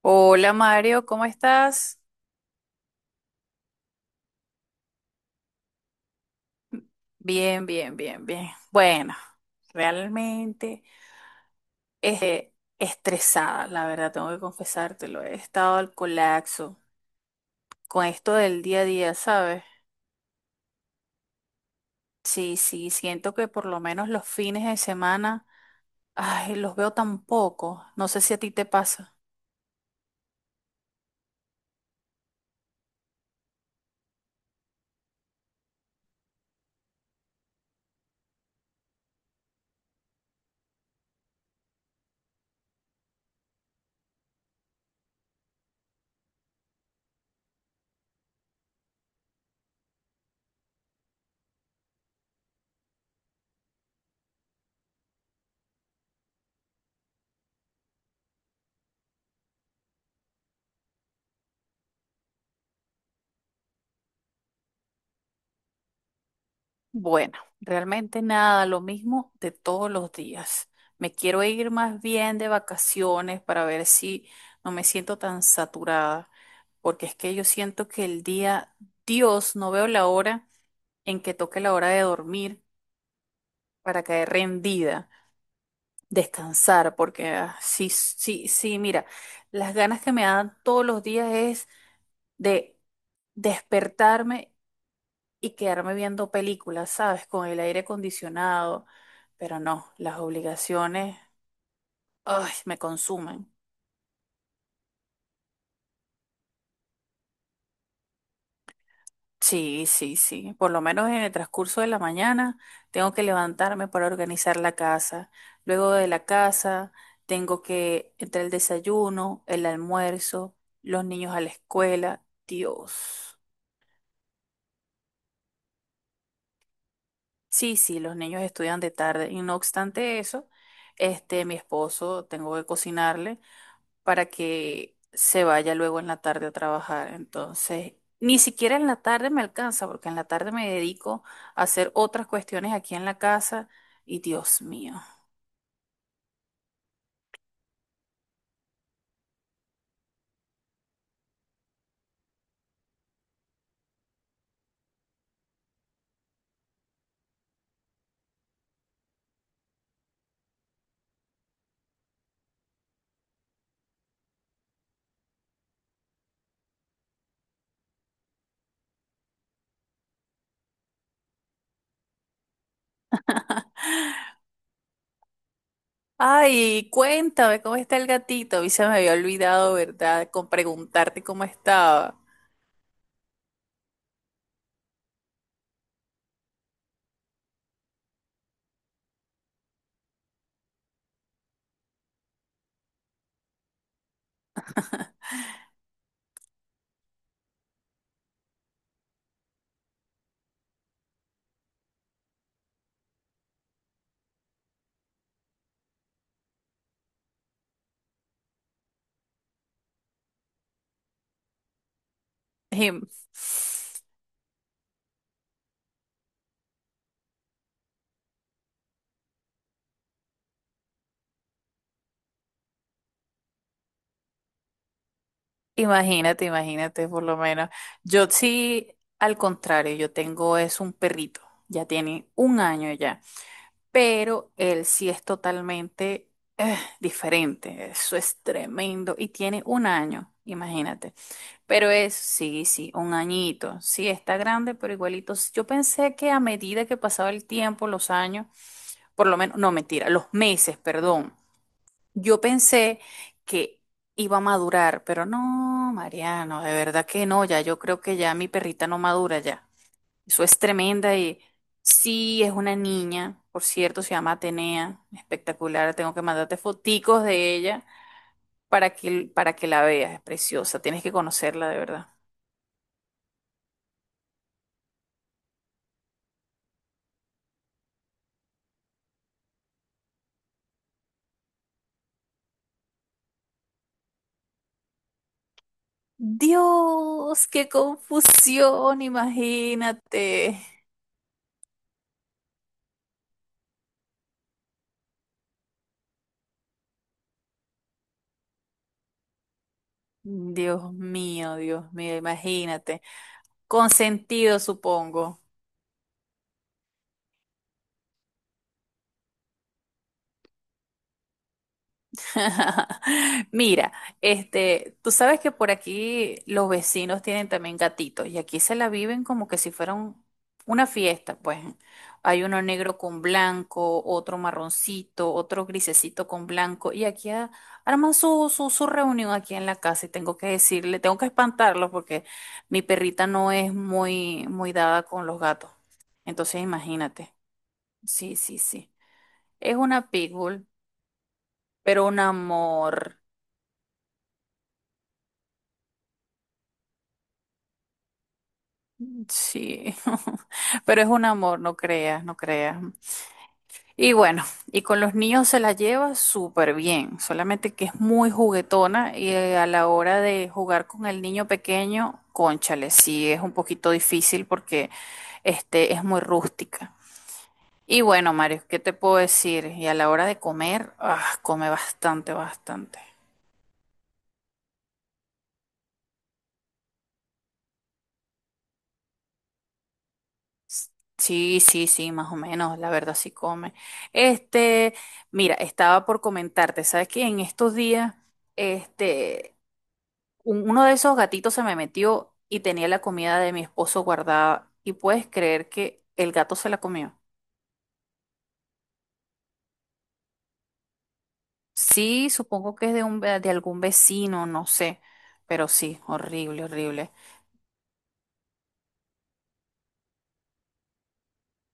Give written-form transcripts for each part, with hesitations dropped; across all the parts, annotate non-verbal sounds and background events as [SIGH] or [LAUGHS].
Hola Mario, ¿cómo estás? Bien, bien, bien, bien. Bueno, realmente eh, estresada, la verdad, tengo que confesártelo. He estado al colapso con esto del día a día, ¿sabes? Sí, sí, siento que por lo menos los fines de semana, ay, los veo tan poco. No sé si a ti te pasa. Bueno, realmente nada, lo mismo de todos los días. Me quiero ir más bien de vacaciones para ver si no me siento tan saturada, porque es que yo siento que el día, Dios, no veo la hora en que toque la hora de dormir para caer rendida, descansar, porque ah, sí, sí, sí, mira, las ganas que me dan todos los días es de despertarme y quedarme viendo películas, ¿sabes? Con el aire acondicionado, pero no, las obligaciones, ay, me consumen. Sí, sí, sí. Por lo menos en el transcurso de la mañana tengo que levantarme para organizar la casa. Luego de la casa tengo que entre el desayuno, el almuerzo, los niños a la escuela. Dios. Sí, sí, los niños estudian de tarde y no obstante eso, este, mi esposo tengo que cocinarle, para que se vaya luego en la tarde a trabajar. Entonces, ni siquiera en la tarde me alcanza, porque en la tarde me dedico a hacer otras cuestiones aquí en la casa y Dios mío. Ay, cuéntame cómo está el gatito. A mí se me había olvidado, ¿verdad? Con preguntarte cómo estaba. Im- Imagínate, imagínate, por lo menos. Yo sí, al contrario, yo tengo es un perrito. Ya tiene un año ya, pero él sí es totalmente diferente. Eso es tremendo. Y tiene un año, imagínate. Pero es, sí, sí, un añito. Sí, está grande, pero igualito. Yo pensé que a medida que pasaba el tiempo, los años, por lo menos, no, mentira, los meses, perdón. Yo pensé que iba a madurar, pero no, Mariano, de verdad que no, ya yo creo que ya mi perrita no madura ya. Eso es tremenda y sí, es una niña, por cierto, se llama Atenea, espectacular, tengo que mandarte foticos de ella para que la veas, es preciosa, tienes que conocerla de verdad. Dios, qué confusión, imagínate. Dios mío, imagínate. Consentido, supongo. [LAUGHS] Mira, este, tú sabes que por aquí los vecinos tienen también gatitos y aquí se la viven como que si fuera una fiesta, pues. Hay uno negro con blanco, otro marroncito, otro grisecito con blanco y aquí arman su reunión aquí en la casa y tengo que decirle, tengo que espantarlos porque mi perrita no es muy, muy dada con los gatos. Entonces imagínate. Sí, sí, sí. Es una pitbull, pero un amor. Sí, [LAUGHS] pero es un amor, no creas, no creas. Y bueno, y con los niños se la lleva súper bien, solamente que es muy juguetona y a la hora de jugar con el niño pequeño, cónchale, sí es un poquito difícil porque este es muy rústica. Y bueno, Mario, ¿qué te puedo decir? Y a la hora de comer, ah, come bastante, bastante. Sí, sí, sí, más o menos, la verdad sí come. Este, mira, estaba por comentarte, ¿sabes qué? En estos días, este, uno de esos gatitos se me metió y tenía la comida de mi esposo guardada y puedes creer que el gato se la comió. Sí, supongo que es de de algún vecino, no sé, pero sí, horrible, horrible.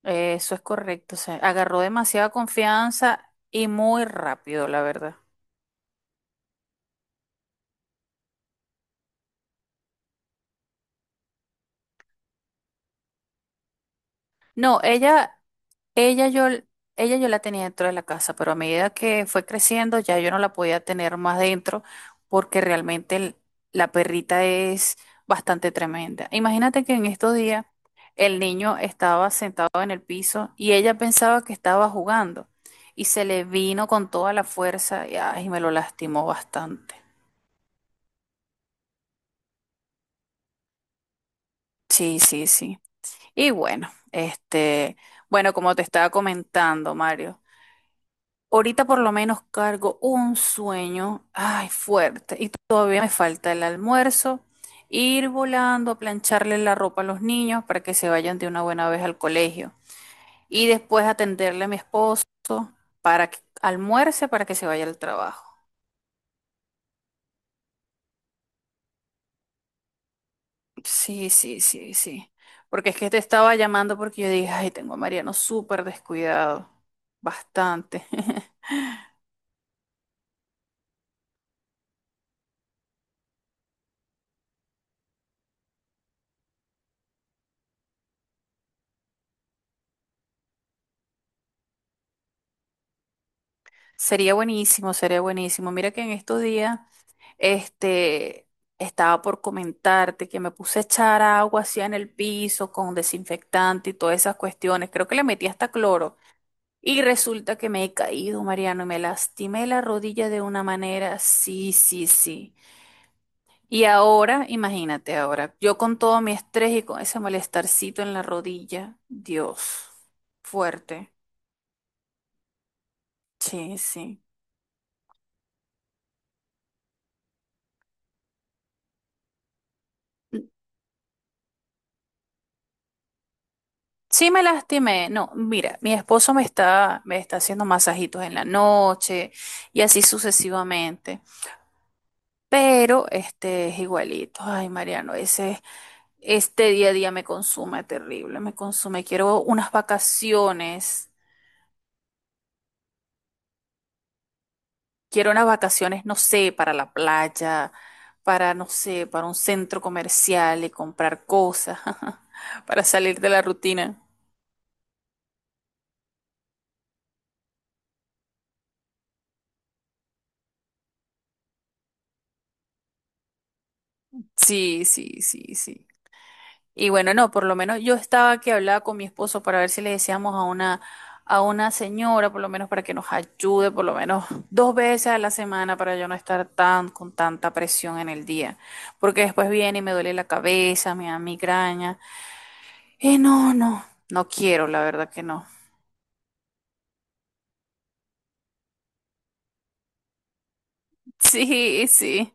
Eso es correcto. Se agarró demasiada confianza y muy rápido, la verdad. No, ella. Ella yo, ella yo la tenía dentro de la casa, pero a medida que fue creciendo ya yo no la podía tener más dentro porque realmente la perrita es bastante tremenda. Imagínate que en estos días el niño estaba sentado en el piso y ella pensaba que estaba jugando y se le vino con toda la fuerza y, ay, me lo lastimó bastante. Sí, sí, sí. Y bueno, este, bueno, como te estaba comentando, Mario. Ahorita por lo menos cargo un sueño, ay, fuerte, y todavía me falta el almuerzo, ir volando a plancharle la ropa a los niños para que se vayan de una buena vez al colegio y después atenderle a mi esposo para que almuerce para que se vaya al trabajo. Sí, sí, sí, sí. Porque es que te estaba llamando porque yo dije, ay, tengo a Mariano súper descuidado, bastante. [LAUGHS] Sería buenísimo, sería buenísimo. Mira que en estos días, este, estaba por comentarte que me puse a echar agua así en el piso con desinfectante y todas esas cuestiones. Creo que le metí hasta cloro. Y resulta que me he caído, Mariano, y me lastimé la rodilla de una manera. Sí, sí, sí. Y ahora, imagínate ahora, yo con todo mi estrés y con ese molestarcito en la rodilla. Dios, fuerte. Sí, sí. Sí me lastimé. No, mira, mi esposo me está haciendo masajitos en la noche y así sucesivamente. Pero este es igualito. Ay, Mariano, ese, este día a día me consume terrible, me consume. Quiero unas vacaciones. Quiero unas vacaciones, no sé, para la playa, para, no sé, para un centro comercial y comprar cosas, [LAUGHS] para salir de la rutina. Sí, sí, sí, sí. Y bueno, no, por lo menos yo estaba que hablaba con mi esposo para ver si le decíamos a a una señora, por lo menos para que nos ayude, por lo menos dos veces a la semana para yo no estar tan con tanta presión en el día. Porque después viene y me duele la cabeza, me da migraña. No, no, no quiero, la verdad que no. [LAUGHS] Sí, sí.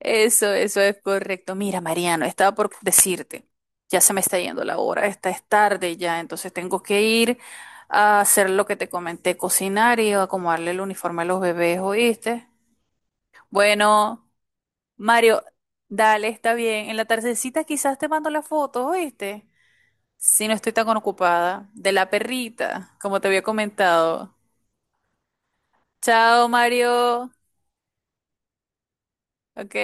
Eso es correcto. Mira, Mariano, estaba por decirte, ya se me está yendo la hora, esta es tarde ya, entonces tengo que ir a hacer lo que te comenté, cocinar y acomodarle el uniforme a los bebés, ¿oíste? Bueno, Mario, dale, está bien. En la tardecita quizás te mando la foto, ¿oíste? Si no estoy tan ocupada, de la perrita, como te había comentado. Chao, Mario. Ok.